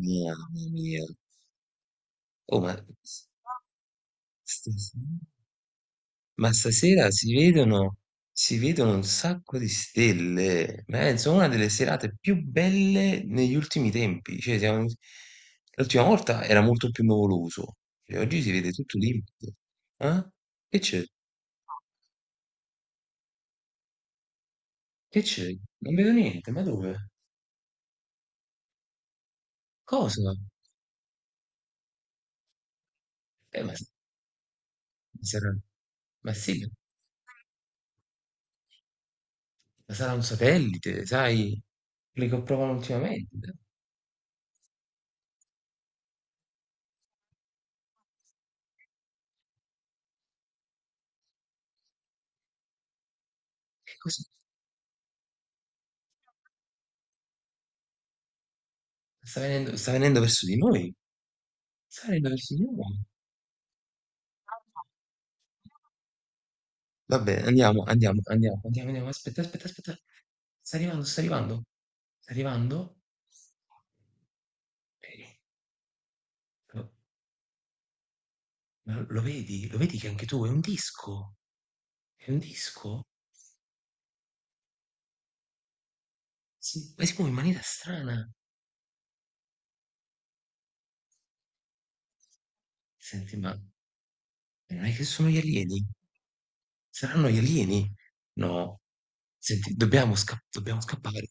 Mamma mia. Oh, stasera, ma stasera si vedono un sacco di stelle. Penso una delle serate più belle negli ultimi tempi. Cioè, siamo- l'ultima volta era molto più nuvoloso. Cioè, oggi si vede tutto limpido. Eh? Che c'è? Che c'è? Non vedo niente. Ma dove? Cosa? Ma, sarà, ma sì, ma sarà un satellite, sai? Quelli che provano ultimamente. Che cos'è? Sta venendo verso di noi. Sale dal Signore. Va bene, andiamo, andiamo, andiamo, andiamo, andiamo. Aspetta, aspetta, aspetta. Sta arrivando, sta arrivando, sta arrivando. Eh, Lo, ma lo vedi? Lo vedi che anche tu è un disco? È un disco? Si, ma si muove in maniera strana. Senti, ma non è che sono gli alieni? Saranno gli alieni? No. Senti, dobbiamo, sca- dobbiamo scappare.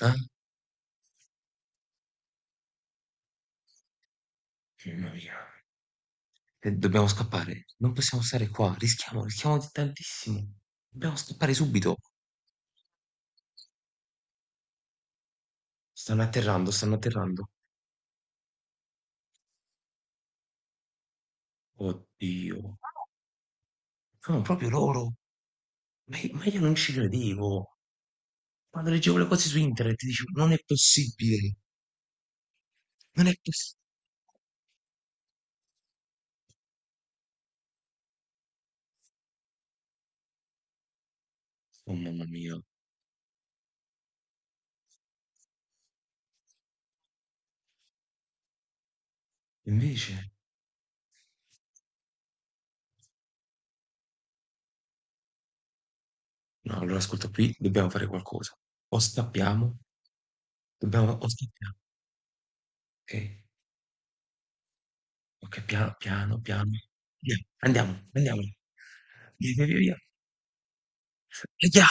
Eh? Mamma mia. Dobbiamo scappare. Non possiamo stare qua. Rischiamo, rischiamo tantissimo. Dobbiamo scappare subito. Stanno atterrando, stanno atterrando. Oddio. No, proprio loro. Ma io non ci credevo. Quando leggevo le cose su internet dicevo, non è possibile, non è possibile. Oh mamma mia. Invece, no, allora ascolta qui, dobbiamo fare qualcosa. O scappiamo, dobbiamo, o scappiamo. Ok, ok, piano, piano, piano. Via, andiamo, andiamo. Via, via, via, via. Via.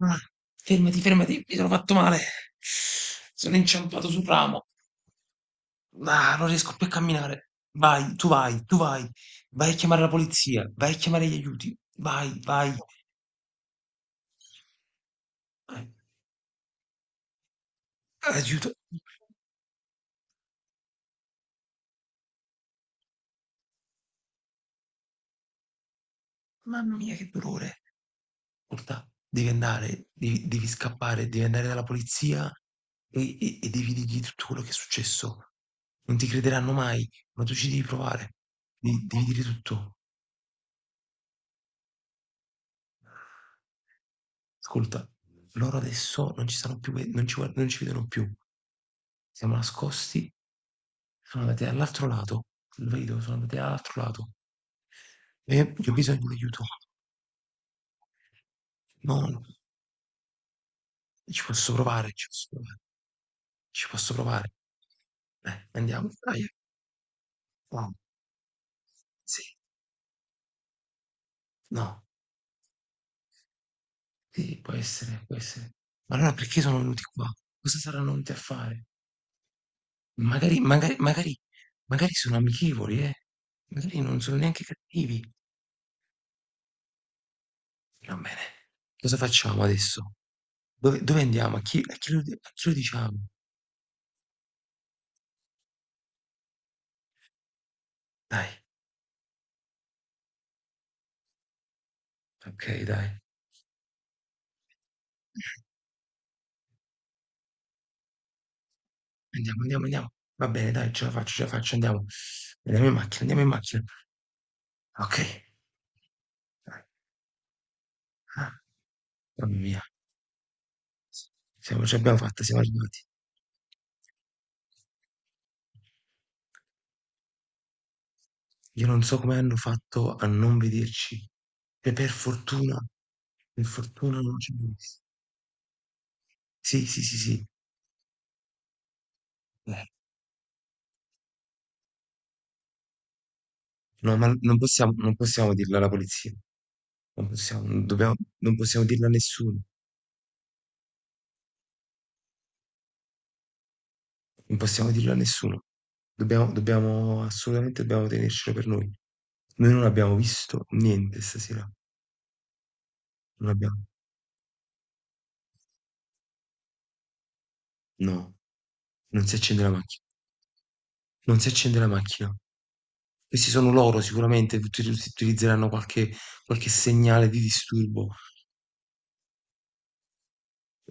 Ah, fermati, fermati, mi sono fatto male. Sono inciampato sul ramo. Ah, non riesco più a camminare. Vai, tu vai, tu vai. Vai a chiamare la polizia, vai a chiamare gli aiuti. Vai, vai. Vai. Aiuto. Mamma mia, che dolore. Ascolta, devi andare, devi, devi scappare, devi andare dalla polizia e devi dirgli tutto quello che è successo. Non ti crederanno mai, ma tu ci devi provare. Devi, devi dire tutto. Ascolta, loro adesso non ci stanno più, ve- non ci, guard- non ci vedono più. Siamo nascosti, sono andati dall'altro lato. Lo vedo, sono andati dall'altro lato. Io ho bisogno di aiuto. No, no, ci posso provare, ci posso provare, ci posso provare. Andiamo, dai. No, sì, no, sì, può essere, può essere. Ma allora perché sono venuti qua? Cosa saranno venuti a fare? Magari, magari, magari, magari sono amichevoli, eh? Magari non sono neanche cattivi. Va bene, cosa facciamo adesso? Dove, dove andiamo? A chi lo diciamo? Dai, ok, dai. Andiamo, andiamo, andiamo. Va bene, dai, ce la faccio, andiamo. Andiamo in macchina, andiamo in macchina. Ok. Mamma mia, siamo- ce l'abbiamo fatta, siamo arrivati. Io non so come hanno fatto a non vederci. E per fortuna non ci abbiamo visto. Sì, sì, sì, sì. Eh, no, ma non possiamo, non possiamo dirlo alla polizia. Non possiamo, non dobbiamo, non possiamo dirlo a nessuno. Non possiamo dirlo a nessuno. Dobbiamo, dobbiamo, assolutamente dobbiamo tenercelo per noi. Noi non abbiamo visto niente stasera. Non abbiamo. No, non si accende la macchina. Non si accende la macchina. Questi sono loro sicuramente, uti- utilizzeranno qualche, qualche segnale di disturbo.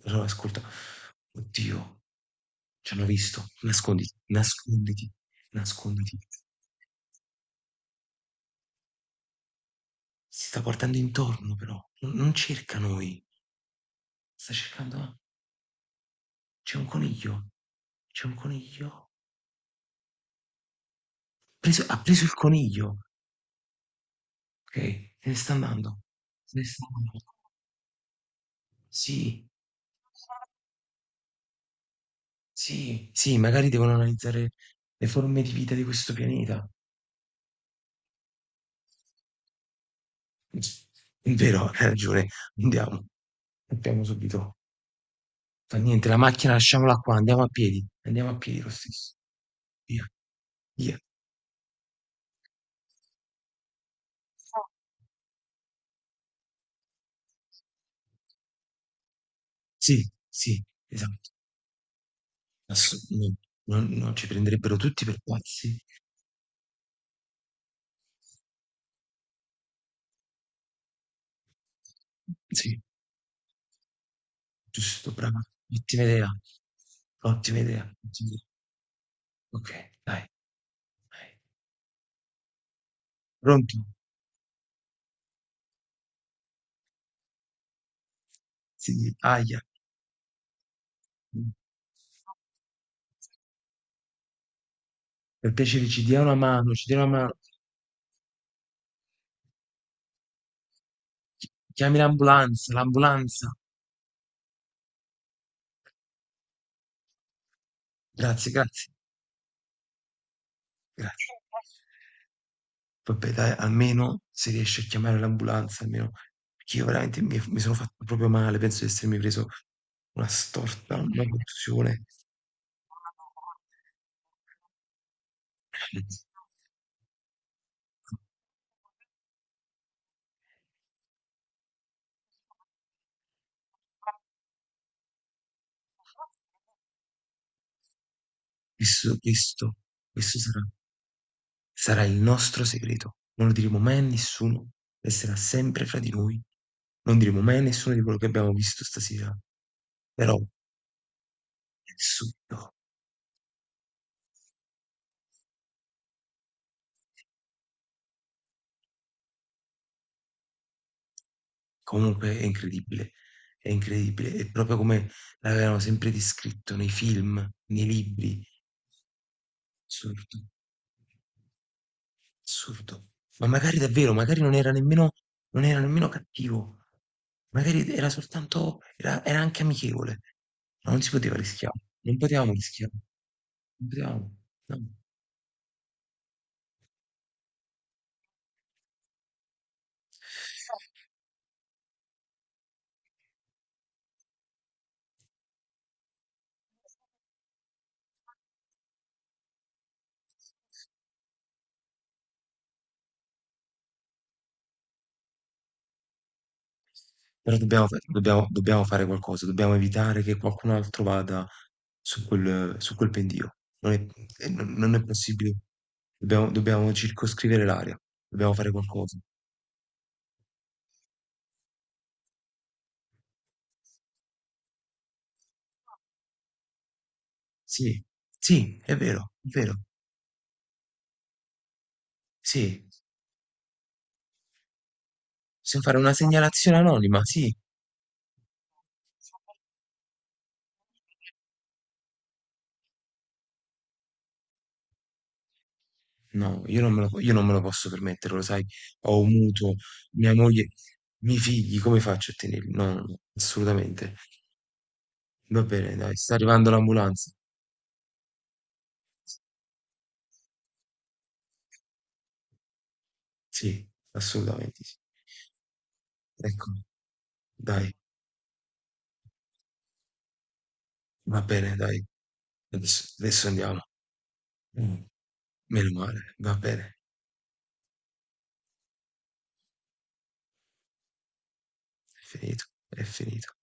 Allora, ascolta, oddio, ci hanno visto. Nasconditi, nasconditi, nasconditi. Si sta guardando intorno però, non, non cerca noi. Sta cercando, ah, c'è un coniglio, c'è un coniglio. Preso- ha preso il coniglio, ok, se ne sta andando. Se ne sta andando. Sì, sì, sì, magari devono analizzare le forme di vita di questo pianeta. È vero, hai ragione, andiamo. Partiamo subito. Fa niente, la macchina lasciamola qua, andiamo a piedi. Andiamo a piedi lo stesso. Via, via. Sì, sì, esatto. Ass- no, non ci prenderebbero tutti per pazzi. Sì, giusto, brava. Ottima idea, ottima idea, ottima idea. Ok, dai, dai. Pronto? Sì, aia. Per piacere, ci dia una mano, ci dia una mano. Chi- chiami l'ambulanza, l'ambulanza. Grazie, grazie, grazie. Vabbè dai, almeno se riesci a chiamare l'ambulanza, almeno, perché io veramente mi, mi sono fatto proprio male, penso di essermi preso una storta, una contusione. Questo, questo, questo sarà, sarà il nostro segreto. Non lo diremo mai a nessuno, resterà sempre fra di noi. Non diremo mai a nessuno di quello che abbiamo visto stasera. Però, subito. Comunque è incredibile, è incredibile. È proprio come l'avevano sempre descritto nei film, nei libri. Assurdo, assurdo. Ma magari davvero, magari non era nemmeno, non era nemmeno cattivo. Magari era soltanto, era, era anche amichevole. Ma non si poteva rischiare. Non potevamo rischiare. Non potevamo. No. Però dobbiamo, fa- dobbiamo- dobbiamo fare qualcosa, dobbiamo evitare che qualcun altro vada su quel pendio. Non è, non- non è possibile. Dobbiamo, dobbiamo circoscrivere l'area, dobbiamo fare qualcosa. Sì, sì, è vero, è vero. Sì, possiamo fare una segnalazione anonima, sì. No, io non me lo, io non me lo posso permettere, lo sai, ho un mutuo, mia moglie, i miei figli, come faccio a tenerli? No, no, no, assolutamente. Va bene, dai, sta arrivando l'ambulanza. Sì, assolutamente sì. Ecco. Dai, va bene, dai, adesso, adesso andiamo. Mm. Meno male, va bene, è finito, è finito.